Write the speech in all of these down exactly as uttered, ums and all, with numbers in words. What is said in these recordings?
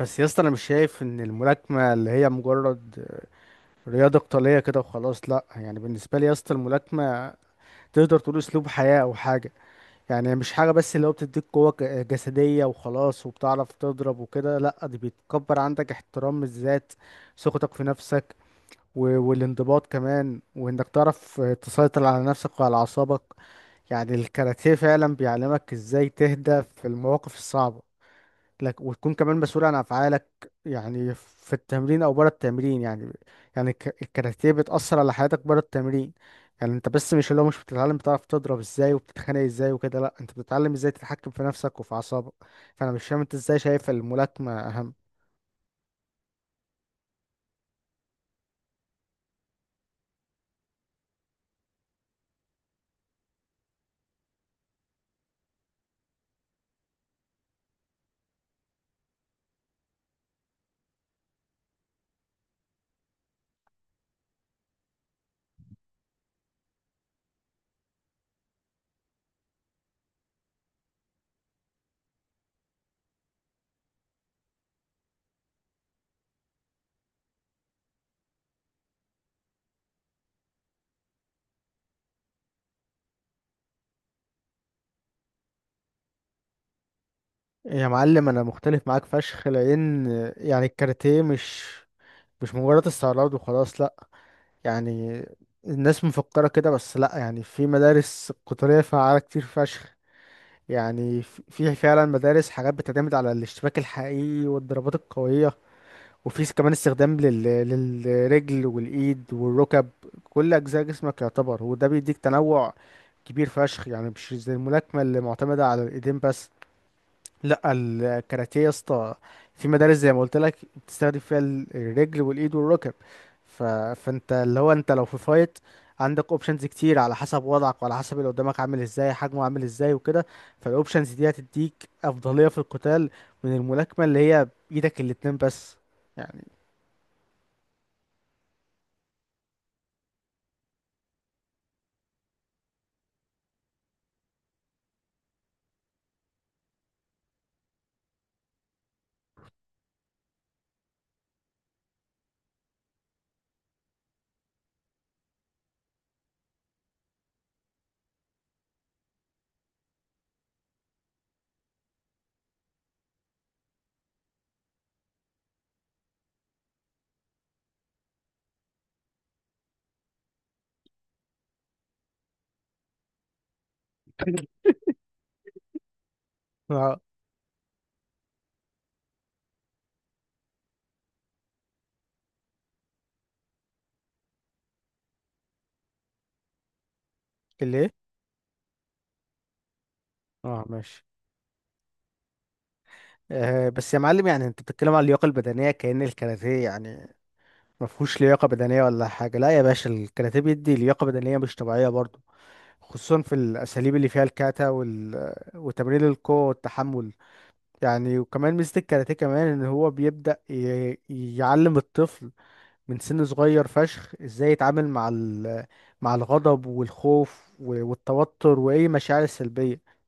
بس يا اسطى، انا مش شايف ان الملاكمه اللي هي مجرد رياضه قتاليه كده وخلاص، لا. يعني بالنسبه لي يا اسطى، الملاكمه تقدر تقول اسلوب حياه او حاجه. يعني هي مش حاجه بس اللي هو بتديك قوه ك- جسديه وخلاص، وبتعرف تضرب وكده. لا، دي بيتكبر عندك احترام الذات، ثقتك في نفسك، و- والانضباط كمان، وانك تعرف تسيطر على نفسك وعلى اعصابك. يعني الكاراتيه فعلا بيعلمك ازاي تهدى في المواقف الصعبه لك، وتكون كمان مسؤول عن افعالك، يعني في التمرين او بره التمرين. يعني يعني الك- الكاراتيه بتأثر على حياتك بره التمرين. يعني انت بس مش اللي هو مش بتتعلم بتعرف تضرب ازاي وبتتخانق ازاي وكده، لا انت بتتعلم ازاي تتحكم في نفسك وفي اعصابك. فانا مش فاهم انت ازاي شايف الملاكمة اهم؟ يا معلم، انا مختلف معاك فشخ، لان يعني الكاراتيه مش مش مجرد استعراض وخلاص، لا. يعني الناس مفكرة كده، بس لا، يعني في مدارس قتالية فعالة كتير فشخ. يعني في في فعلا مدارس حاجات بتعتمد على الاشتباك الحقيقي والضربات القوية، وفي كمان استخدام لل... للرجل والإيد والركب. كل أجزاء جسمك يعتبر، وده بيديك تنوع كبير فشخ، يعني مش زي الملاكمة اللي معتمدة على الإيدين بس. لا، الكاراتيه يا اسطى في مدارس زي ما قلت لك بتستخدم فيها ال- الرجل والايد والركب. ف... فانت اللي هو انت لو في فايت، عندك اوبشنز كتير على حسب وضعك، وعلى حسب اللي قدامك عامل ازاي، حجمه عامل ازاي، وكده. فالاوبشنز دي هتديك افضليه في القتال، من الملاكمه اللي هي بايدك الاتنين بس. اه. اللي ايه؟ اه، ماشي. آه بس يا معلم، يعني انت بتتكلم على اللياقه البدنيه كأن الكاراتيه يعني ما فيهوش لياقه بدنيه ولا حاجه. لا يا باشا، الكاراتيه بيدي لياقه بدنيه مش طبيعيه برضه، خصوصا في الاساليب اللي فيها الكاتا وال... وتمرين القوه والتحمل. يعني وكمان ميزه الكاراتيه كمان، ان هو بيبدا ي... يعلم الطفل من سن صغير فشخ، ازاي يتعامل مع ال... مع الغضب والخوف و- والتوتر واي مشاعر سلبيه.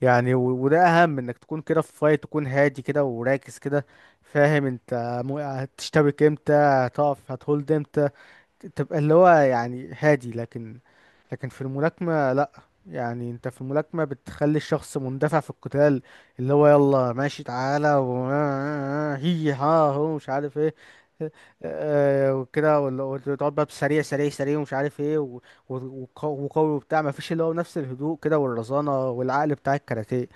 يعني و... وده اهم، انك تكون كده في فايت، تكون هادي كده وراكز كده. فاهم انت، مو- هتشتبك امتى، هتقف هتهولد امتى، تبقى اللي هو يعني هادي. لكن لكن في الملاكمة لا. يعني انت في الملاكمة بتخلي الشخص مندفع في القتال، اللي هو يلا ماشي تعالى و هي ها. هو مش عارف ايه. آه، وكده ولا- وتقعد بقى بسريع سريع سريع ومش عارف ايه و- و- وق- وقوي وبتاع، مفيش اللي هو نفس الهدوء كده والرزانة والعقل بتاع الكاراتيه.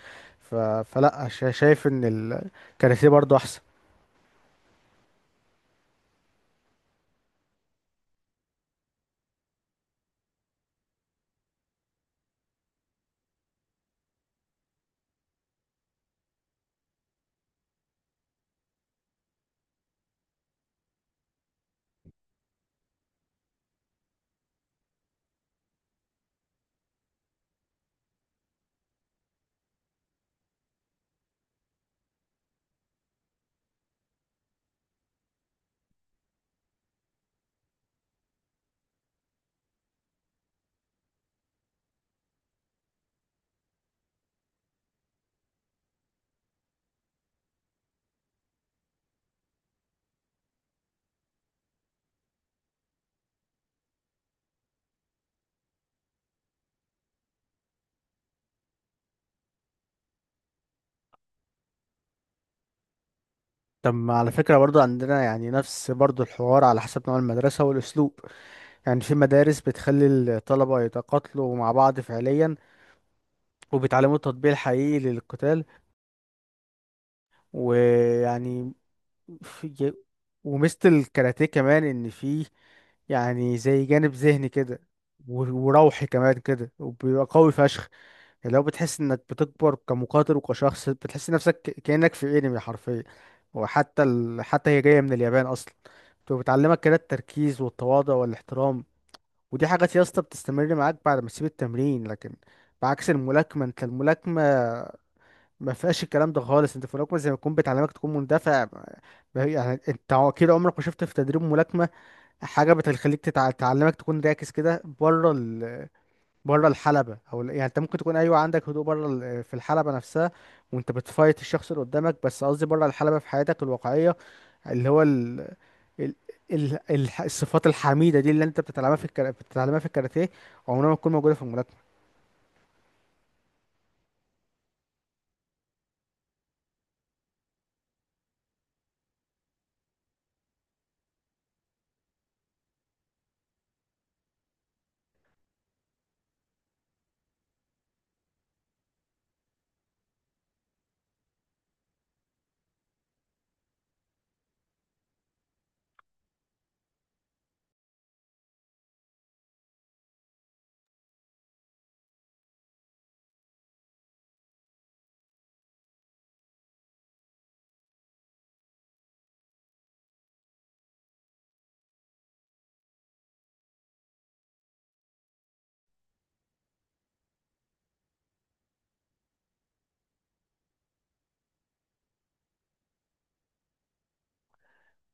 ف... فلا، شا- شايف ان الكاراتيه برضو احسن. طب، ما على فكرة برضو عندنا يعني نفس برضو الحوار على حسب نوع المدرسة والأسلوب. يعني في مدارس بتخلي الطلبة يتقاتلوا مع بعض فعليا، وبيتعلموا التطبيق الحقيقي للقتال، ويعني في وميزة الكاراتيه كمان ان فيه يعني زي جانب ذهني كده، و- وروحي كمان كده، وبيبقى قوي فشخ. يعني لو بتحس انك بتكبر كمقاتل وكشخص، بتحس نفسك ك- كأنك في انمي حرفيا، وحتى ال... حتى هي جاية من اليابان اصلا، بتبقى بتعلمك كده التركيز والتواضع والاحترام. ودي حاجات يا اسطى بتستمر معاك بعد ما تسيب التمرين، لكن بعكس الملاكمة. انت الملاكمة ما فيهاش الكلام ده خالص. انت في الملاكمه زي ما تكون بتعلمك تكون مندفع. ما هي- يعني انت اكيد عمرك ما شفت في تدريب ملاكمه حاجه بتخليك تتع- تعلمك تكون راكز كده بره ال... بره الحلبه. او ال- يعني انت ممكن تكون، ايوه عندك هدوء، بره ال... في الحلبه نفسها وانت بتفايت الشخص اللي قدامك، بس قصدي بره الحلبه في حياتك الواقعيه، اللي هو ال... ال... ال... ال... الصفات الحميده دي اللي انت بتتعلمها في الكرا... بتتعلمها في الكاراتيه، عمرها ما تكون موجوده في الملاكمه.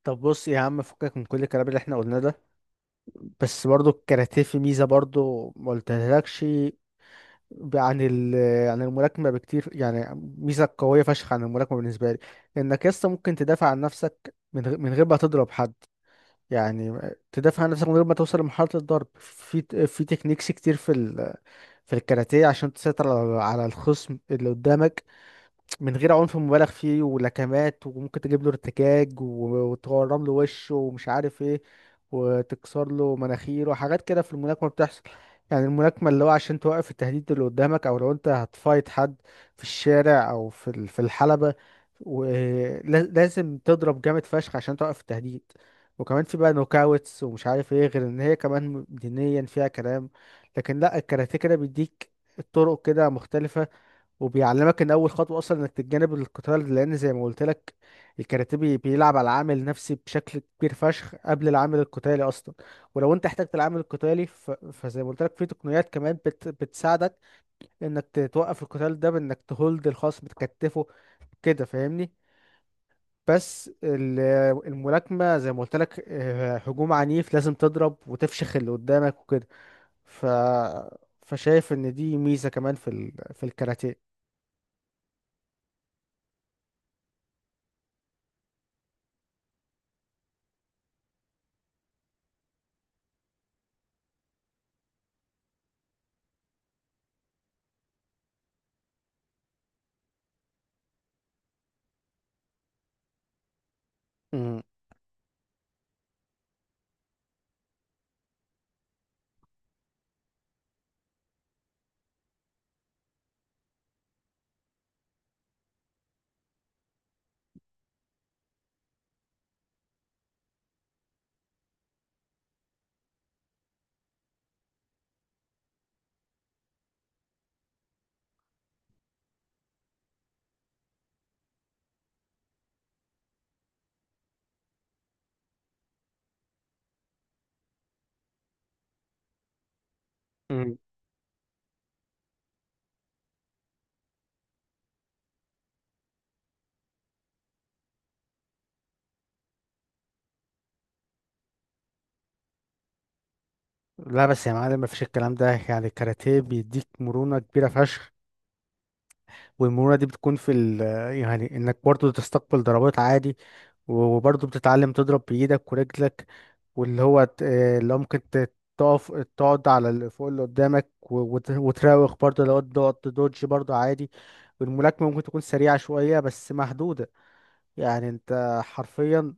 طب بص يا عم، فكك من كل الكلام اللي احنا قلناه ده. بس برضو الكاراتيه في ميزة برضو ما قلتلكش ب- عن ال عن الملاكمة بكتير يعني، ميزة قوية فشخ عن الملاكمة بالنسبة لي. إنك يسطا ممكن تدافع عن نفسك من غير من غير ما تضرب حد، يعني تدافع عن نفسك من غير ما توصل لمرحلة الضرب، في في تكنيكس كتير في ال في الكاراتيه عشان تسيطر على على الخصم اللي قدامك، من غير عنف مبالغ فيه ولكمات، وممكن تجيب له ارتكاك و- وتورم له وشه ومش عارف ايه، وتكسر له مناخيره وحاجات كده في الملاكمة بتحصل. يعني الملاكمة اللي هو عشان توقف التهديد اللي قدامك، او لو انت هتفايت حد في الشارع او في ال- في الحلبة، ولازم تضرب جامد فشخ عشان توقف التهديد. وكمان في بقى نوكاوتس ومش عارف ايه، غير ان هي كمان دينيا فيها كلام. لكن لا، الكاراتيه كده بيديك الطرق كده مختلفة، وبيعلمك ان اول خطوه اصلا انك تتجنب القتال، لان زي ما قلت لك، الكاراتيه بي- بيلعب على العامل النفسي بشكل كبير فشخ قبل العامل القتالي اصلا. ولو انت احتجت العامل القتالي، ف... فزي ما قلت لك في تقنيات كمان بت... بتساعدك انك ت- توقف القتال ده بانك تهولد الخصم، تكتفه كده، فاهمني. بس ال- الملاكمه زي ما قلت لك آه، هجوم عنيف، لازم تضرب وتفشخ اللي قدامك وكده. ف فشايف ان دي ميزه كمان في ال... في الكاراتيه. مم. مم. لا، بس يا معلم، مفيش الكلام ده. يعني الكاراتيه بيديك مرونة كبيرة فشخ، والمرونة دي بتكون في ال يعني انك برضو تستقبل ضربات عادي، وبرضو بتتعلم تضرب بإيدك ورجلك، واللي هو ت- آه، اللي هو ممكن ت- تقف تقعد على اللي فوق اللي قدامك و- وت- وتراوغ برضو، لو تقعد تدوج برضو عادي. والملاكمة ممكن تكون سريعة شوية بس محدودة، يعني انت حرفيا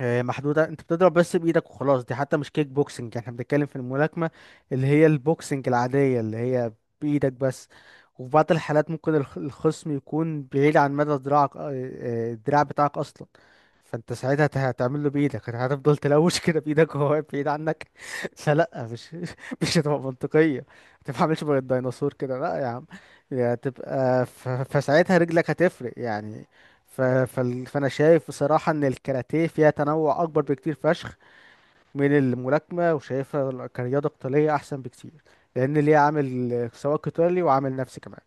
آه، محدودة، انت بتضرب بس بإيدك وخلاص. دي حتى مش كيك بوكسنج، احنا بنتكلم في الملاكمة، اللي هي البوكسنج العادية، اللي هي بإيدك بس. وفي بعض الحالات ممكن الخ- الخصم يكون بعيد عن مدى دراعك، آه، آه، الدراع بتاعك أصلا. فانت ساعتها هت- هتعمل له بإيدك، هت- هتفضل تلوش كده بإيدك، وهو واقف بعيد عنك. فلا، مش مش هتبقى منطقية، ما تفهمش بقى الديناصور كده، لا يا عم. هتبقى ف- فساعتها رجلك هتفرق يعني. ف... فال- فانا شايف بصراحه ان الكاراتيه فيها تنوع اكبر بكتير فشخ من الملاكمه، وشايفها كرياضه قتاليه احسن بكتير، لان ليها عامل سواء قتالي وعامل نفسي كمان.